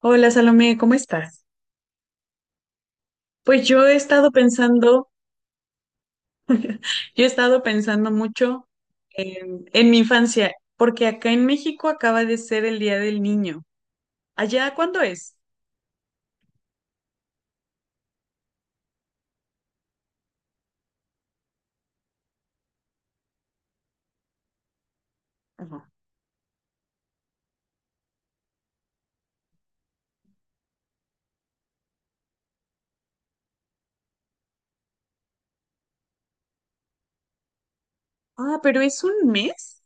Hola Salomé, ¿cómo estás? Pues yo he estado pensando mucho en mi infancia, porque acá en México acaba de ser el Día del Niño. ¿Allá cuándo es? Ajá. Ah, pero es un mes.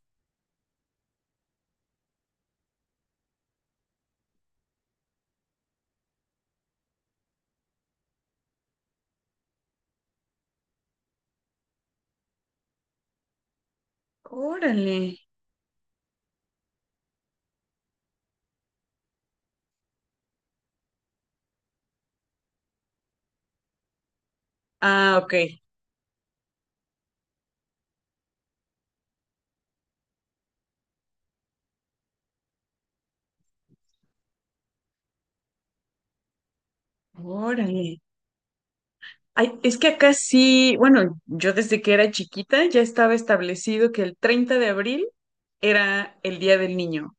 Órale. Ah, ok. Órale. Ay, es que acá sí, bueno, yo desde que era chiquita ya estaba establecido que el 30 de abril era el Día del Niño.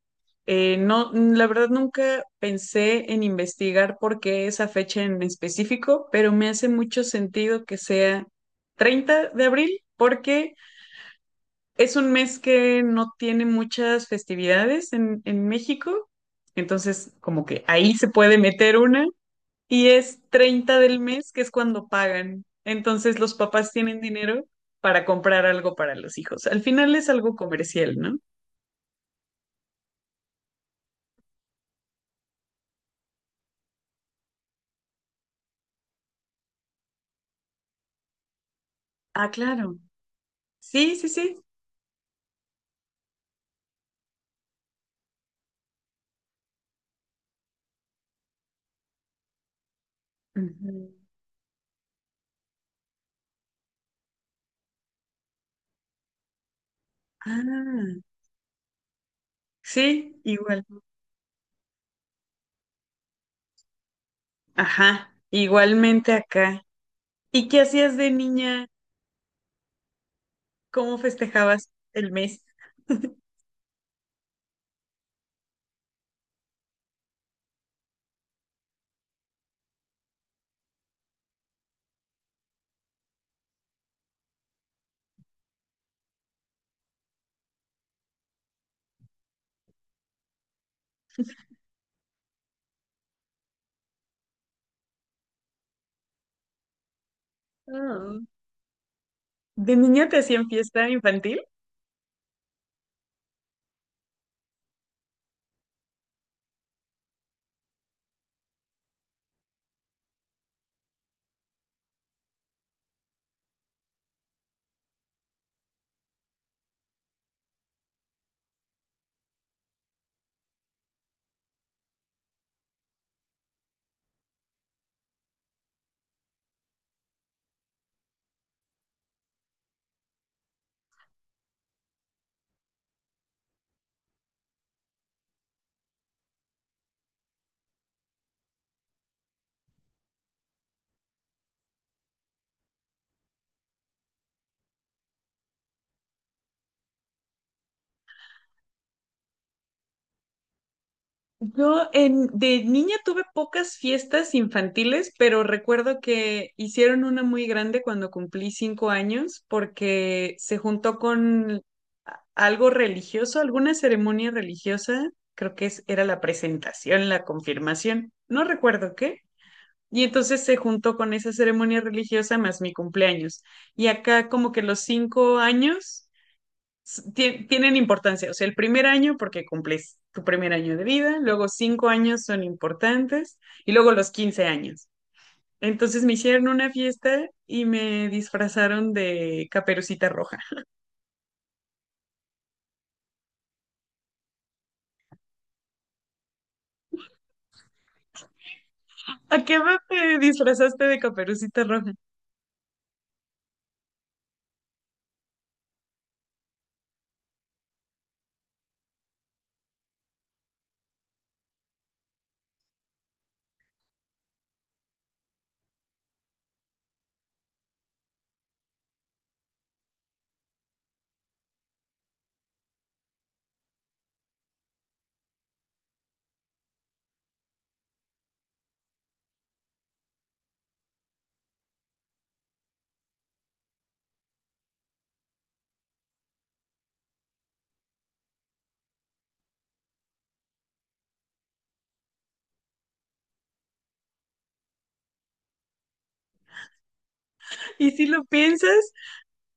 No, mm, la verdad nunca pensé en investigar por qué esa fecha en específico, pero me hace mucho sentido que sea 30 de abril porque es un mes que no tiene muchas festividades en México, entonces como que ahí se puede meter una y es 30 del mes, que es cuando pagan. Entonces los papás tienen dinero para comprar algo para los hijos. Al final es algo comercial, ¿no? Ah, claro. Sí, sí, sí. Ujú. Ah, sí, igual. Ajá, igualmente acá. ¿Y qué hacías de niña? ¿Cómo festejabas el mes? Ah. ¿De niña te hacían fiesta infantil? Yo de niña tuve pocas fiestas infantiles, pero recuerdo que hicieron una muy grande cuando cumplí 5 años porque se juntó con algo religioso, alguna ceremonia religiosa, creo que era la presentación, la confirmación, no recuerdo qué. Y entonces se juntó con esa ceremonia religiosa más mi cumpleaños. Y acá como que los 5 años tienen importancia. O sea, el primer año porque cumples tu primer año de vida, luego 5 años son importantes y luego los 15 años. Entonces me hicieron una fiesta y me disfrazaron de Caperucita Roja. ¿A qué edad te disfrazaste de Caperucita Roja? Y si lo piensas,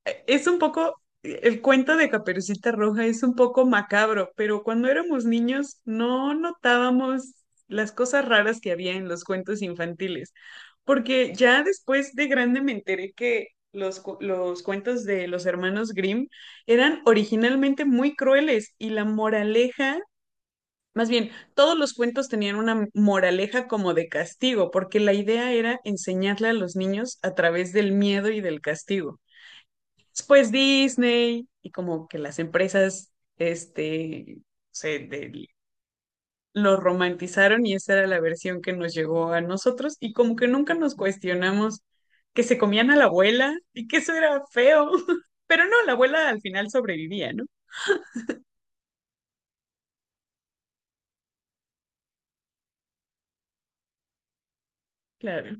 es un poco, el cuento de Caperucita Roja es un poco macabro, pero cuando éramos niños no notábamos las cosas raras que había en los cuentos infantiles. Porque ya después de grande me enteré que los cuentos de los hermanos Grimm eran originalmente muy crueles y la moraleja, más bien, todos los cuentos tenían una moraleja como de castigo, porque la idea era enseñarle a los niños a través del miedo y del castigo. Después Disney y como que las empresas, este, no sé, de lo romantizaron y esa era la versión que nos llegó a nosotros y como que nunca nos cuestionamos que se comían a la abuela y que eso era feo. Pero no, la abuela al final sobrevivía, ¿no? Claro.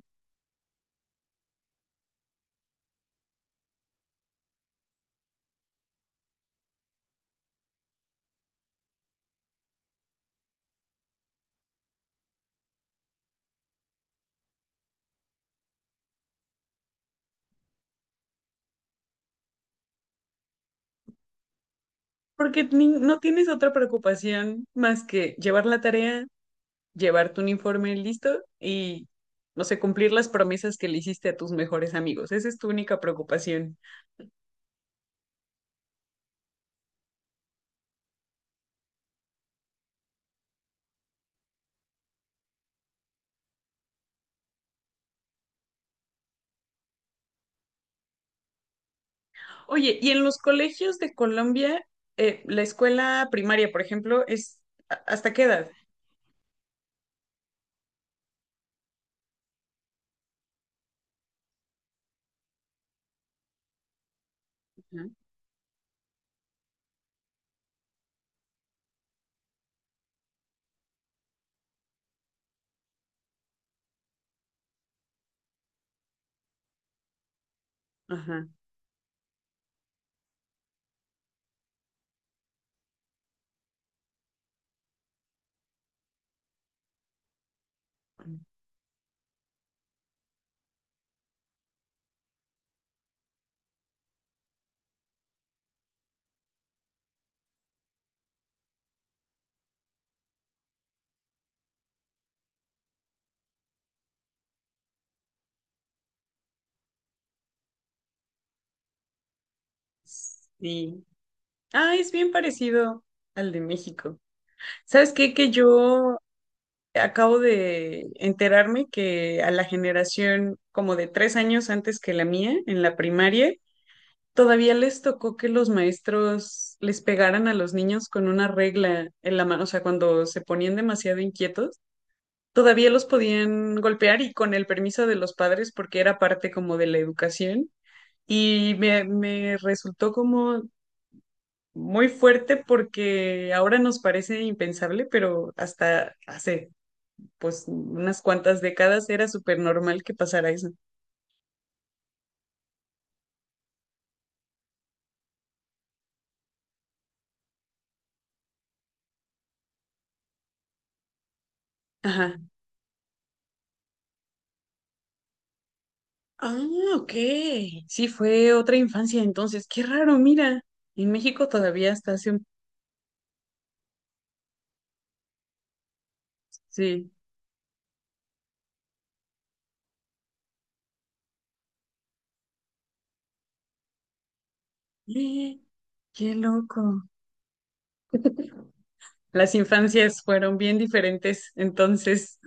Porque no tienes otra preocupación más que llevar la tarea, llevar tu uniforme listo y, no sé, cumplir las promesas que le hiciste a tus mejores amigos. Esa es tu única preocupación. Oye, y en los colegios de Colombia, la escuela primaria, por ejemplo, es ¿hasta qué edad? Ajá. Sí. Ah, es bien parecido al de México. ¿Sabes qué? Que yo acabo de enterarme que a la generación como de 3 años antes que la mía, en la primaria, todavía les tocó que los maestros les pegaran a los niños con una regla en la mano. O sea, cuando se ponían demasiado inquietos, todavía los podían golpear y con el permiso de los padres porque era parte como de la educación. Y me resultó como muy fuerte porque ahora nos parece impensable, pero hasta hace pues unas cuantas décadas era súper normal que pasara eso. Ajá. Ah, ok. Sí, fue otra infancia entonces. Qué raro, mira. En México todavía hasta hace un... Sí. Eh, qué loco. Las infancias fueron bien diferentes, entonces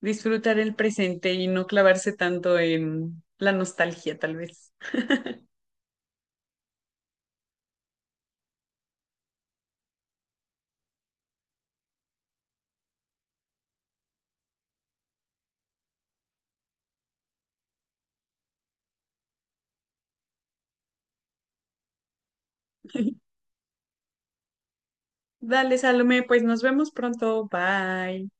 disfrutar el presente y no clavarse tanto en la nostalgia, tal vez. Dale, Salomé, pues nos vemos pronto. Bye.